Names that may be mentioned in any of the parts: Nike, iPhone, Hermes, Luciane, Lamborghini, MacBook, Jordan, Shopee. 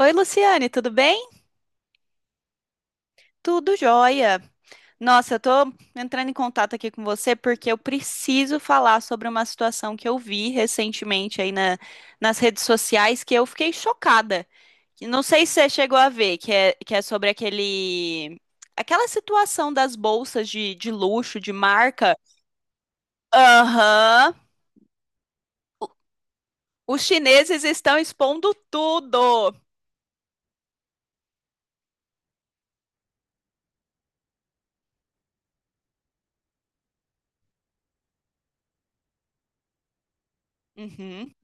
Oi, Luciane, tudo bem? Tudo jóia. Nossa, eu tô entrando em contato aqui com você porque eu preciso falar sobre uma situação que eu vi recentemente aí nas redes sociais que eu fiquei chocada. E não sei se você chegou a ver, que é sobre aquela situação das bolsas de luxo, de marca. Aham, os chineses estão expondo tudo. Uhum,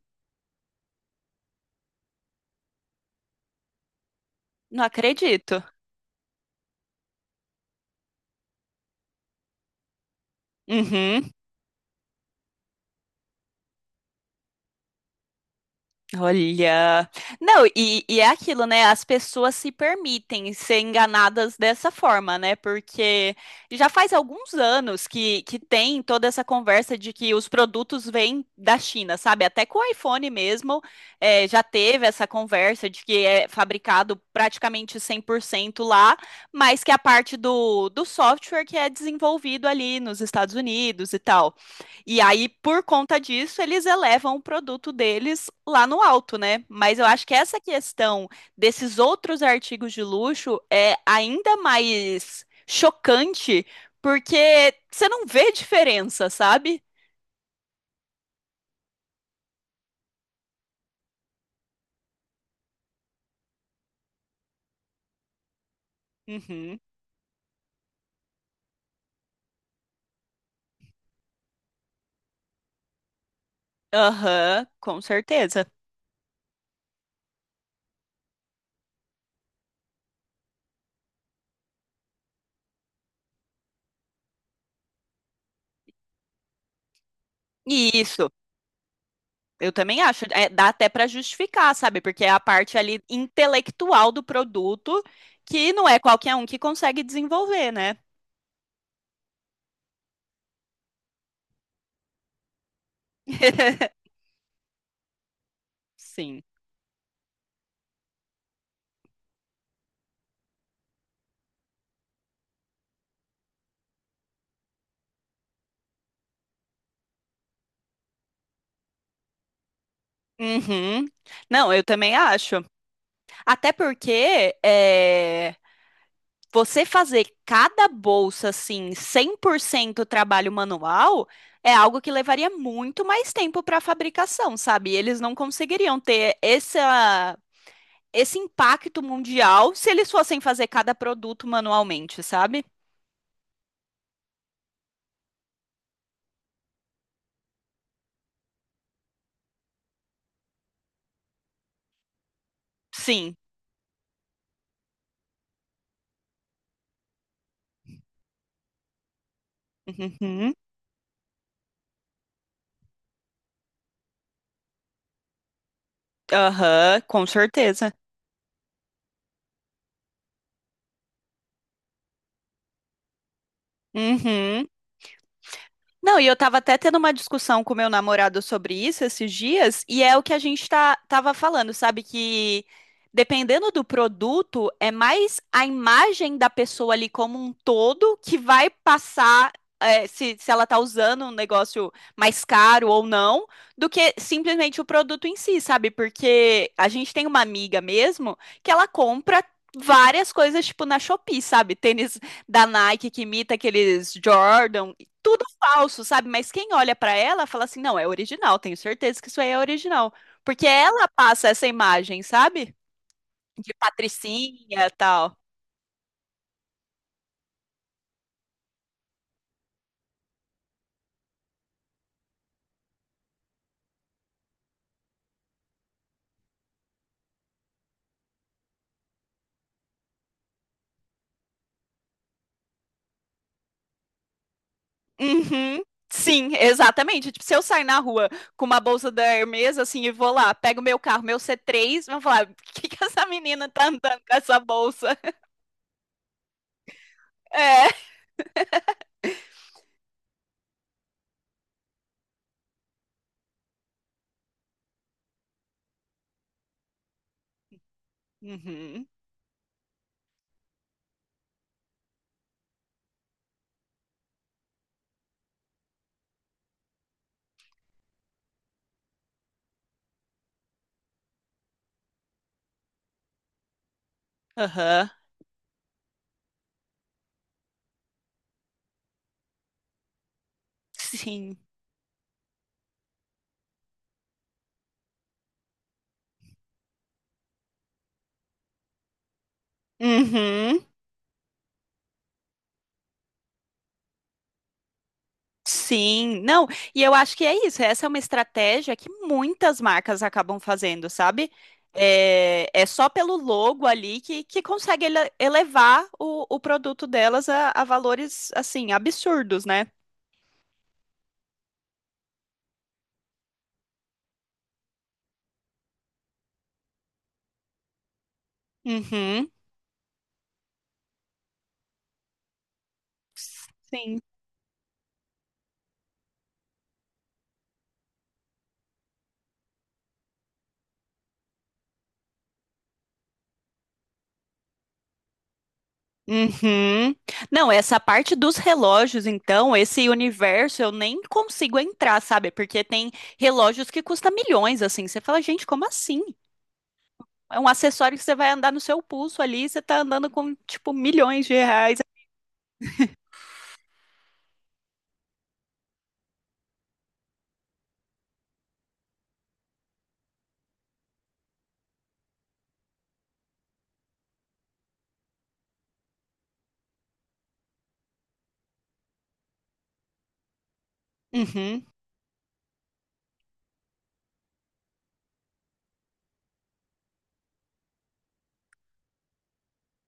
não acredito. Uhum. Olha, não, e é aquilo, né? As pessoas se permitem ser enganadas dessa forma, né? Porque já faz alguns anos que tem toda essa conversa de que os produtos vêm da China, sabe? Até com o iPhone mesmo, já teve essa conversa de que é fabricado praticamente 100% lá, mas que a parte do software que é desenvolvido ali nos Estados Unidos e tal. E aí, por conta disso, eles elevam o produto deles lá no alto, né? Mas eu acho que essa questão desses outros artigos de luxo é ainda mais chocante, porque você não vê diferença, sabe? Uhum. Aham, com certeza. E isso, eu também acho, é, dá até para justificar, sabe? Porque é a parte ali intelectual do produto que não é qualquer um que consegue desenvolver, né? Sim. Uhum. Não, eu também acho. Até porque é, você fazer cada bolsa assim, 100% trabalho manual, é algo que levaria muito mais tempo para fabricação, sabe? E eles não conseguiriam ter esse impacto mundial se eles fossem fazer cada produto manualmente, sabe? Sim. Uhum. Aham, com certeza. Uhum. Não, e eu tava até tendo uma discussão com o meu namorado sobre isso esses dias, e é o que a gente tava falando, sabe? Que dependendo do produto, é mais a imagem da pessoa ali como um todo que vai passar. É, se ela tá usando um negócio mais caro ou não, do que simplesmente o produto em si, sabe? Porque a gente tem uma amiga mesmo que ela compra várias coisas, tipo, na Shopee, sabe? Tênis da Nike que imita aqueles Jordan, tudo falso, sabe? Mas quem olha pra ela fala assim: não, é original, tenho certeza que isso aí é original. Porque ela passa essa imagem, sabe? De patricinha e tal. Uhum. Sim, exatamente. Tipo, se eu sair na rua com uma bolsa da Hermes, assim, e vou lá, pego meu carro, meu C3 vão falar: por que que essa menina tá andando com essa bolsa? É. Uhum. Aham. Sim. Uhum. Sim, não, e eu acho que é isso. Essa é uma estratégia que muitas marcas acabam fazendo, sabe? É, é só pelo logo ali que consegue elevar o produto delas a valores, assim, absurdos, né? Uhum, sim. Uhum. Não, essa parte dos relógios, então, esse universo eu nem consigo entrar, sabe? Porque tem relógios que custam milhões, assim. Você fala, gente, como assim? É um acessório que você vai andar no seu pulso ali, você tá andando com, tipo, milhões de reais. Uhum,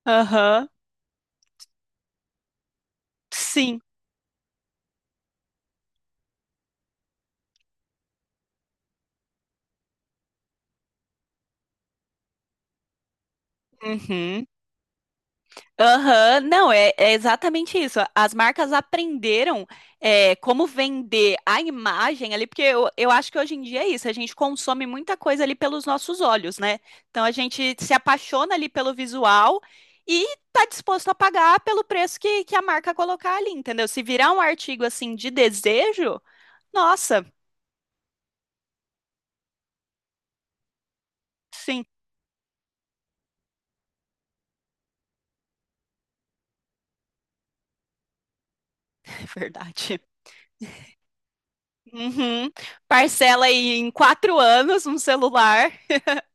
aham, sim, uhum. Aham, não, é, é exatamente isso. As marcas aprenderam é, como vender a imagem ali, porque eu acho que hoje em dia é isso, a gente consome muita coisa ali pelos nossos olhos, né? Então a gente se apaixona ali pelo visual e tá disposto a pagar pelo preço que a marca colocar ali, entendeu? Se virar um artigo assim de desejo, nossa, sim. É verdade. Uhum. Parcela aí em 4 anos um celular.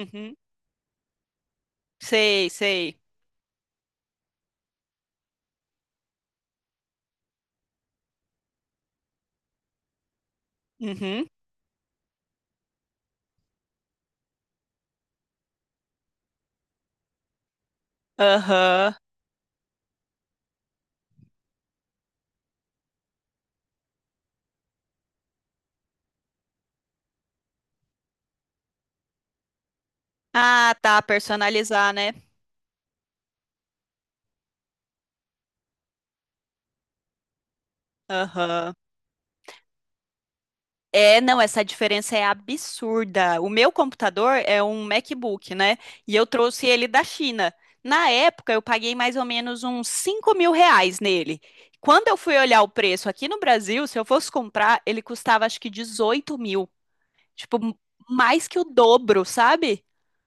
Uhum. Sei, sei. Uhum. Aham. Ah, tá. Personalizar, né? Aham. É, não, essa diferença é absurda. O meu computador é um MacBook, né? E eu trouxe ele da China. Na época, eu paguei mais ou menos uns R$ 5 mil nele. Quando eu fui olhar o preço aqui no Brasil, se eu fosse comprar, ele custava acho que 18 mil. Tipo, mais que o dobro, sabe?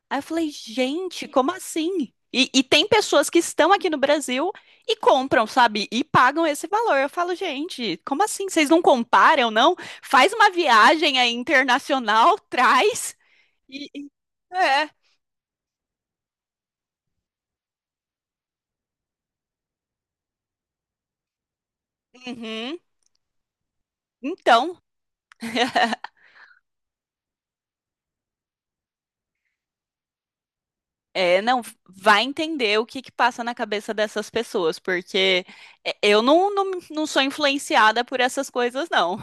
Aí eu falei, gente, como assim? E tem pessoas que estão aqui no Brasil e compram, sabe? E pagam esse valor. Eu falo, gente, como assim? Vocês não comparam, não? Faz uma viagem aí internacional, traz e... e- É. Uhum. Então, é, não, vai entender o que que passa na cabeça dessas pessoas, porque é, eu não, não, não sou influenciada por essas coisas, não.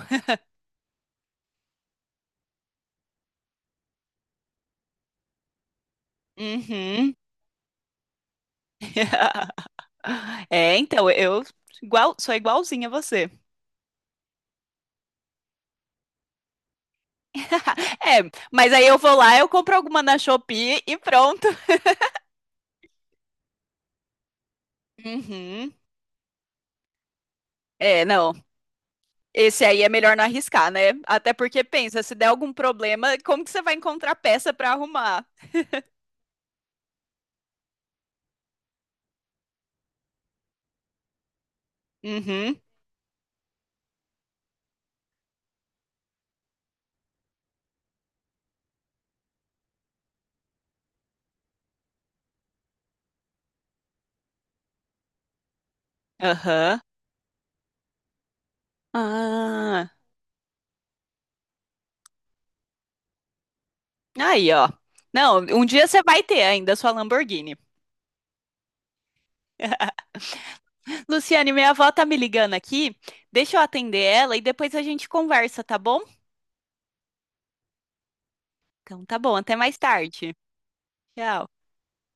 Uhum. É, então, eu igual, sou igualzinha a você. É, mas aí eu vou lá, eu compro alguma na Shopee e pronto. Uhum. É, não. Esse aí é melhor não arriscar, né? Até porque pensa, se der algum problema, como que você vai encontrar peça pra arrumar? Uhum. Aham. Ah. Aí, ó. Não, um dia você vai ter ainda a sua Lamborghini. Luciane, minha avó tá me ligando aqui. Deixa eu atender ela e depois a gente conversa, tá bom? Então tá bom, até mais tarde. Tchau.